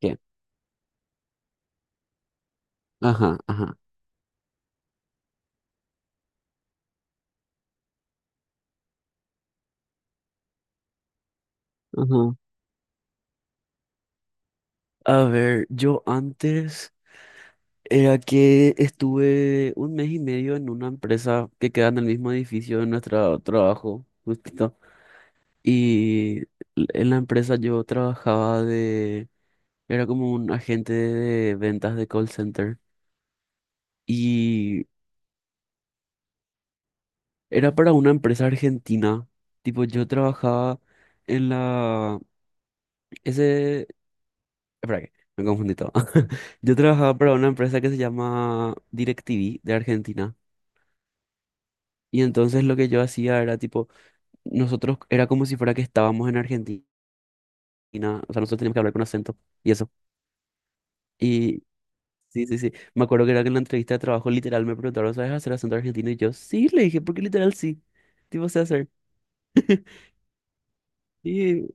Bien. Ajá, ajá, ajá. A ver, yo antes era que estuve un mes y medio en una empresa que queda en el mismo edificio de nuestro trabajo, justito. Y en la empresa yo trabajaba era como un agente de ventas de call center. Y era para una empresa argentina. Tipo, yo trabajaba en la, ese, espera que me confundí todo. Yo trabajaba para una empresa que se llama DirecTV de Argentina. Y entonces lo que yo hacía era tipo, nosotros era como si fuera que estábamos en Argentina. O sea, nosotros teníamos que hablar con acento y eso. Y sí, sí, sí. Me acuerdo que era que en la entrevista de trabajo literal me preguntaron, ¿sabes hacer acento argentino? Y yo, sí, le dije, porque literal sí. Tipo, sé hacer. Y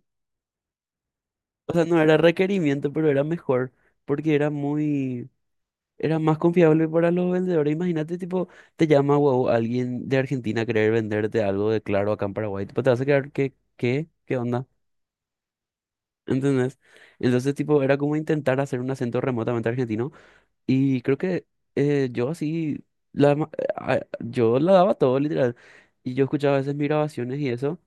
o sea, no era requerimiento, pero era mejor. Porque era muy Era más confiable para los vendedores. Imagínate, tipo, te llama, wow, alguien de Argentina a querer venderte algo de Claro acá en Paraguay. Tipo, te vas a quedar, ¿qué? ¿Qué? ¿Qué onda? ¿Entendés? Entonces, tipo, era como intentar hacer un acento remotamente argentino. Y creo que yo así, la, ma- yo la daba todo, literal. Y yo escuchaba a veces mis grabaciones y eso.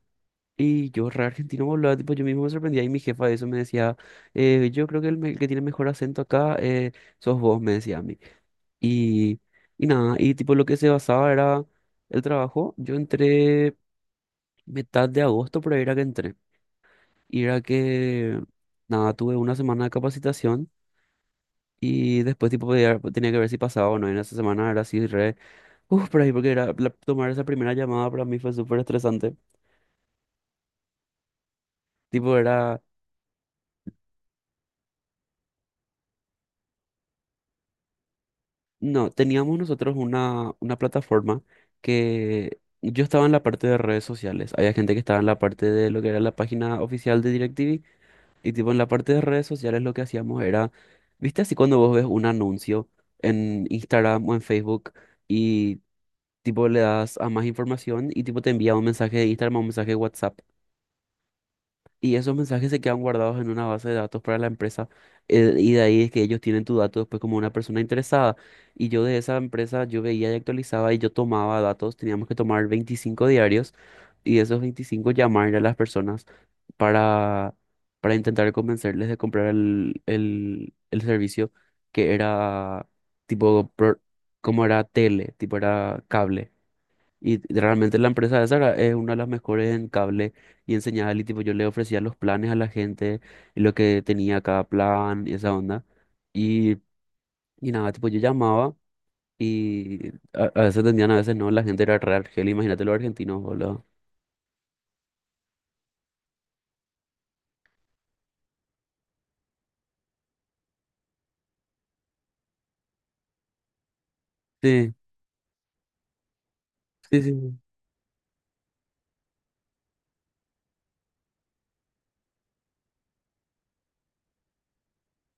Y yo re argentino volaba, tipo, yo mismo me sorprendía. Y mi jefa de eso me decía, yo creo que el que tiene mejor acento acá, sos vos, me decía. Y y nada, y tipo lo que se basaba era el trabajo. Yo entré mitad de agosto, pero era que entré. Y era que, nada, tuve una semana de capacitación y después tipo tenía que ver si pasaba o no. Y en esa semana era así, re, uff, por ahí, porque era, tomar esa primera llamada para mí fue súper estresante. Tipo era, no, teníamos nosotros una plataforma que... Yo estaba en la parte de redes sociales. Había gente que estaba en la parte de lo que era la página oficial de DirecTV. Y tipo en la parte de redes sociales lo que hacíamos era, viste así cuando vos ves un anuncio en Instagram o en Facebook, y tipo le das a más información y tipo te envía un mensaje de Instagram o un mensaje de WhatsApp, y esos mensajes se quedan guardados en una base de datos para la empresa. Y de ahí es que ellos tienen tu dato después como una persona interesada. Y yo de esa empresa, yo veía y actualizaba y yo tomaba datos. Teníamos que tomar 25 diarios y esos 25 llamar a las personas para, para intentar convencerles de comprar el servicio, que era tipo, como era tele, tipo era cable. Y realmente la empresa esa es una de las mejores en cable y en señal. Y tipo, yo le ofrecía los planes a la gente y lo que tenía cada plan y esa onda. Y y nada, tipo, yo llamaba y a veces atendían, a veces no. La gente era re argel, imagínate los argentinos, boludo. Sí, sí, sí. Sí.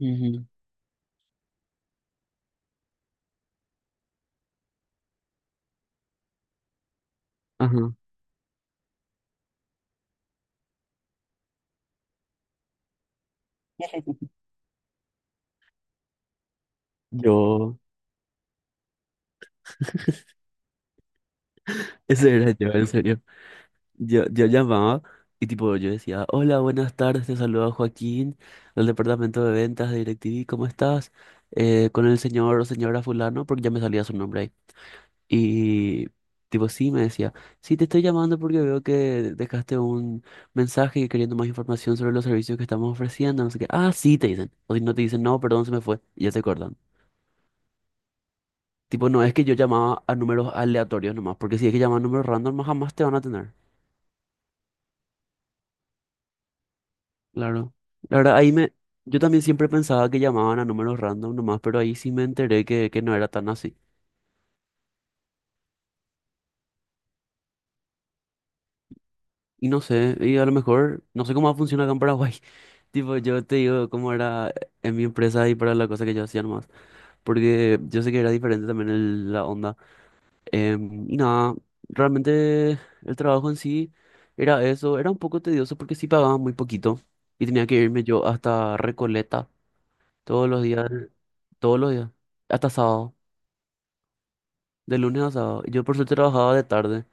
Ujú. Ajá. Yo, ese era yo, en serio. Yo llamaba y tipo yo decía, hola, buenas tardes, te saluda Joaquín del departamento de ventas de DirecTV, ¿cómo estás? Con el señor o señora fulano, porque ya me salía su nombre ahí. Y tipo sí, me decía, sí, te estoy llamando porque veo que dejaste un mensaje y queriendo más información sobre los servicios que estamos ofreciendo, no sé qué. Ah, sí, te dicen. O si no te dicen, no, perdón, se me fue. Y ya te cortan. Tipo, no es que yo llamaba a números aleatorios nomás, porque si es que llaman a números random, jamás te van a atender. Claro. La verdad, ahí me... Yo también siempre pensaba que llamaban a números random nomás, pero ahí sí me enteré que, no era tan así. Y no sé, y a lo mejor, no sé cómo funciona acá en Paraguay. Tipo, yo te digo cómo era en mi empresa y para la cosa que yo hacía nomás. Porque yo sé que era diferente también la onda. Y nada, realmente el trabajo en sí era eso. Era un poco tedioso porque sí pagaba muy poquito. Y tenía que irme yo hasta Recoleta todos los días, todos los días, hasta sábado. De lunes a sábado. Yo por suerte trabajaba de tarde,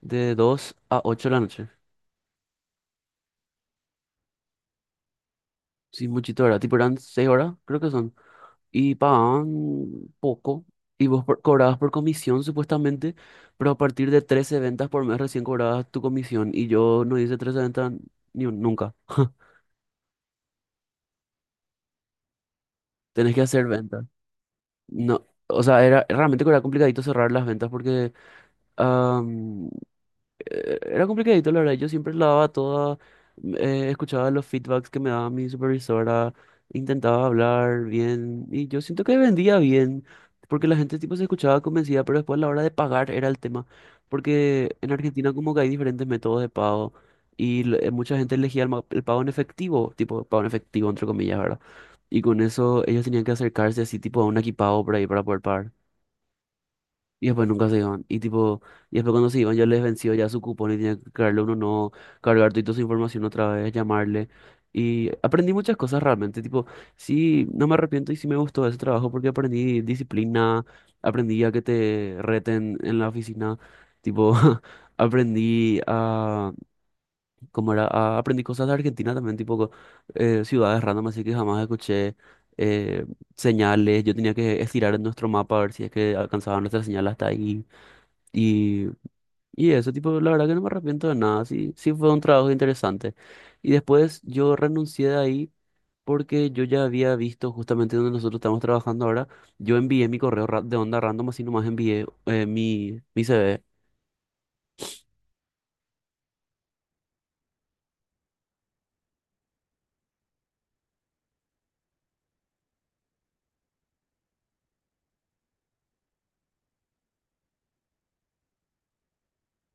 de 2 a 8 de la noche. Sí, muchito, ¿verdad? Tipo eran 6 horas, creo que son. Y pagaban poco. Y vos cobrabas por comisión, supuestamente. Pero a partir de 13 ventas por mes recién cobrabas tu comisión. Y yo no hice 13 ventas ni un- nunca. Tenés que hacer ventas. No. O sea, era realmente que era complicadito cerrar las ventas porque era complicadito, la verdad. Yo siempre la daba toda, escuchaba los feedbacks que me daba mi supervisora, intentaba hablar bien y yo siento que vendía bien, porque la gente tipo se escuchaba convencida, pero después a la hora de pagar era el tema, porque en Argentina como que hay diferentes métodos de pago y mucha gente elegía el pago en efectivo, tipo pago en efectivo entre comillas, ¿verdad? Y con eso ellos tenían que acercarse así tipo a un equipado por ahí para poder pagar. Y después nunca se iban. Y tipo, y después cuando se iban ya les venció ya su cupón y tenían que cargarle uno no, cargar toda su información otra vez, llamarle. Y aprendí muchas cosas realmente. Tipo, sí, no me arrepiento y sí me gustó ese trabajo porque aprendí disciplina, aprendí a que te reten en la oficina. Tipo, aprendí a, ¿cómo era? Aprendí cosas de Argentina también, tipo ciudades random, así que jamás escuché. eh, señales, yo tenía que estirar en nuestro mapa a ver si es que alcanzaba nuestra señal hasta ahí. Y y eso, tipo, la verdad que no me arrepiento de nada, sí, sí fue un trabajo interesante. Y después yo renuncié de ahí porque yo ya había visto justamente donde nosotros estamos trabajando ahora, yo envié mi correo de onda random, así nomás envié mi CV.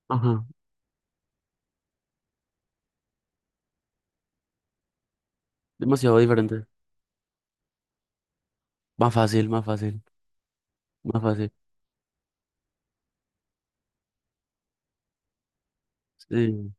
Ajá, demasiado diferente. Más fácil, más fácil, más fácil. Sí.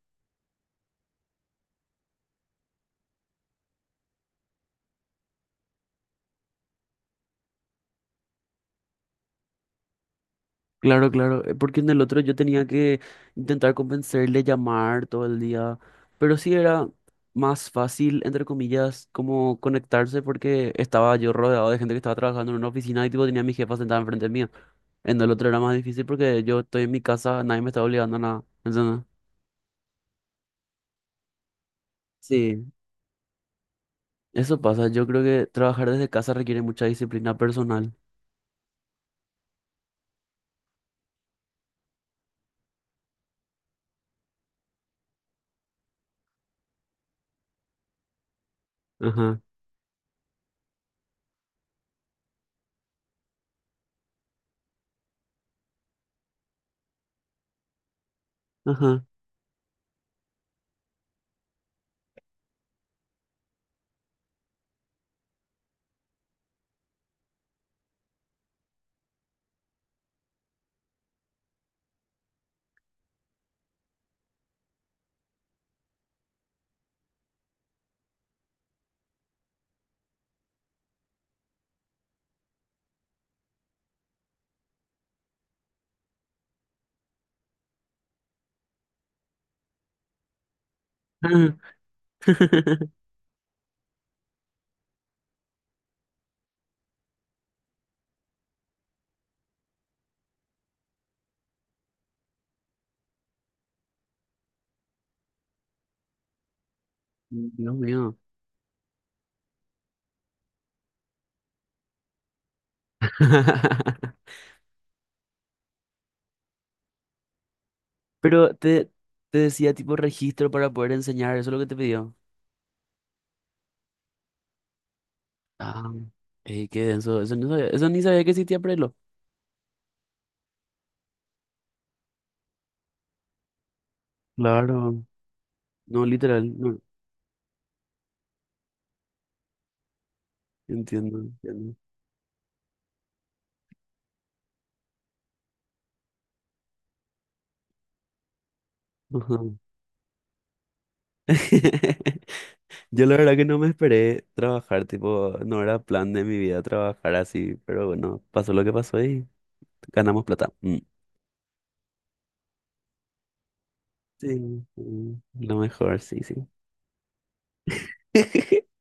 Claro, claro, porque en el otro yo tenía que intentar convencerle, llamar todo el día, pero sí era más fácil, entre comillas, como conectarse porque estaba yo rodeado de gente que estaba trabajando en una oficina y tipo tenía a mi jefa sentada enfrente mía. En el otro era más difícil porque yo estoy en mi casa, nadie me está obligando a nada. ¿Entendés? Sí, eso pasa, yo creo que trabajar desde casa requiere mucha disciplina personal. Ajá, ajá. Dios mío. Pero te decía tipo registro para poder enseñar, eso es lo que te pidió. Ah, ey, qué denso, eso eso ni sabía que existía Prelo. Claro. No, literal, no, entiendo, entiendo. Ajá. Yo la verdad que no me esperé trabajar, tipo, no era plan de mi vida trabajar así, pero bueno, pasó lo que pasó y ganamos plata. Mm. Sí, mm, lo mejor, sí, sí.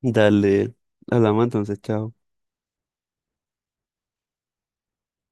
Dale, hablamos entonces, chao.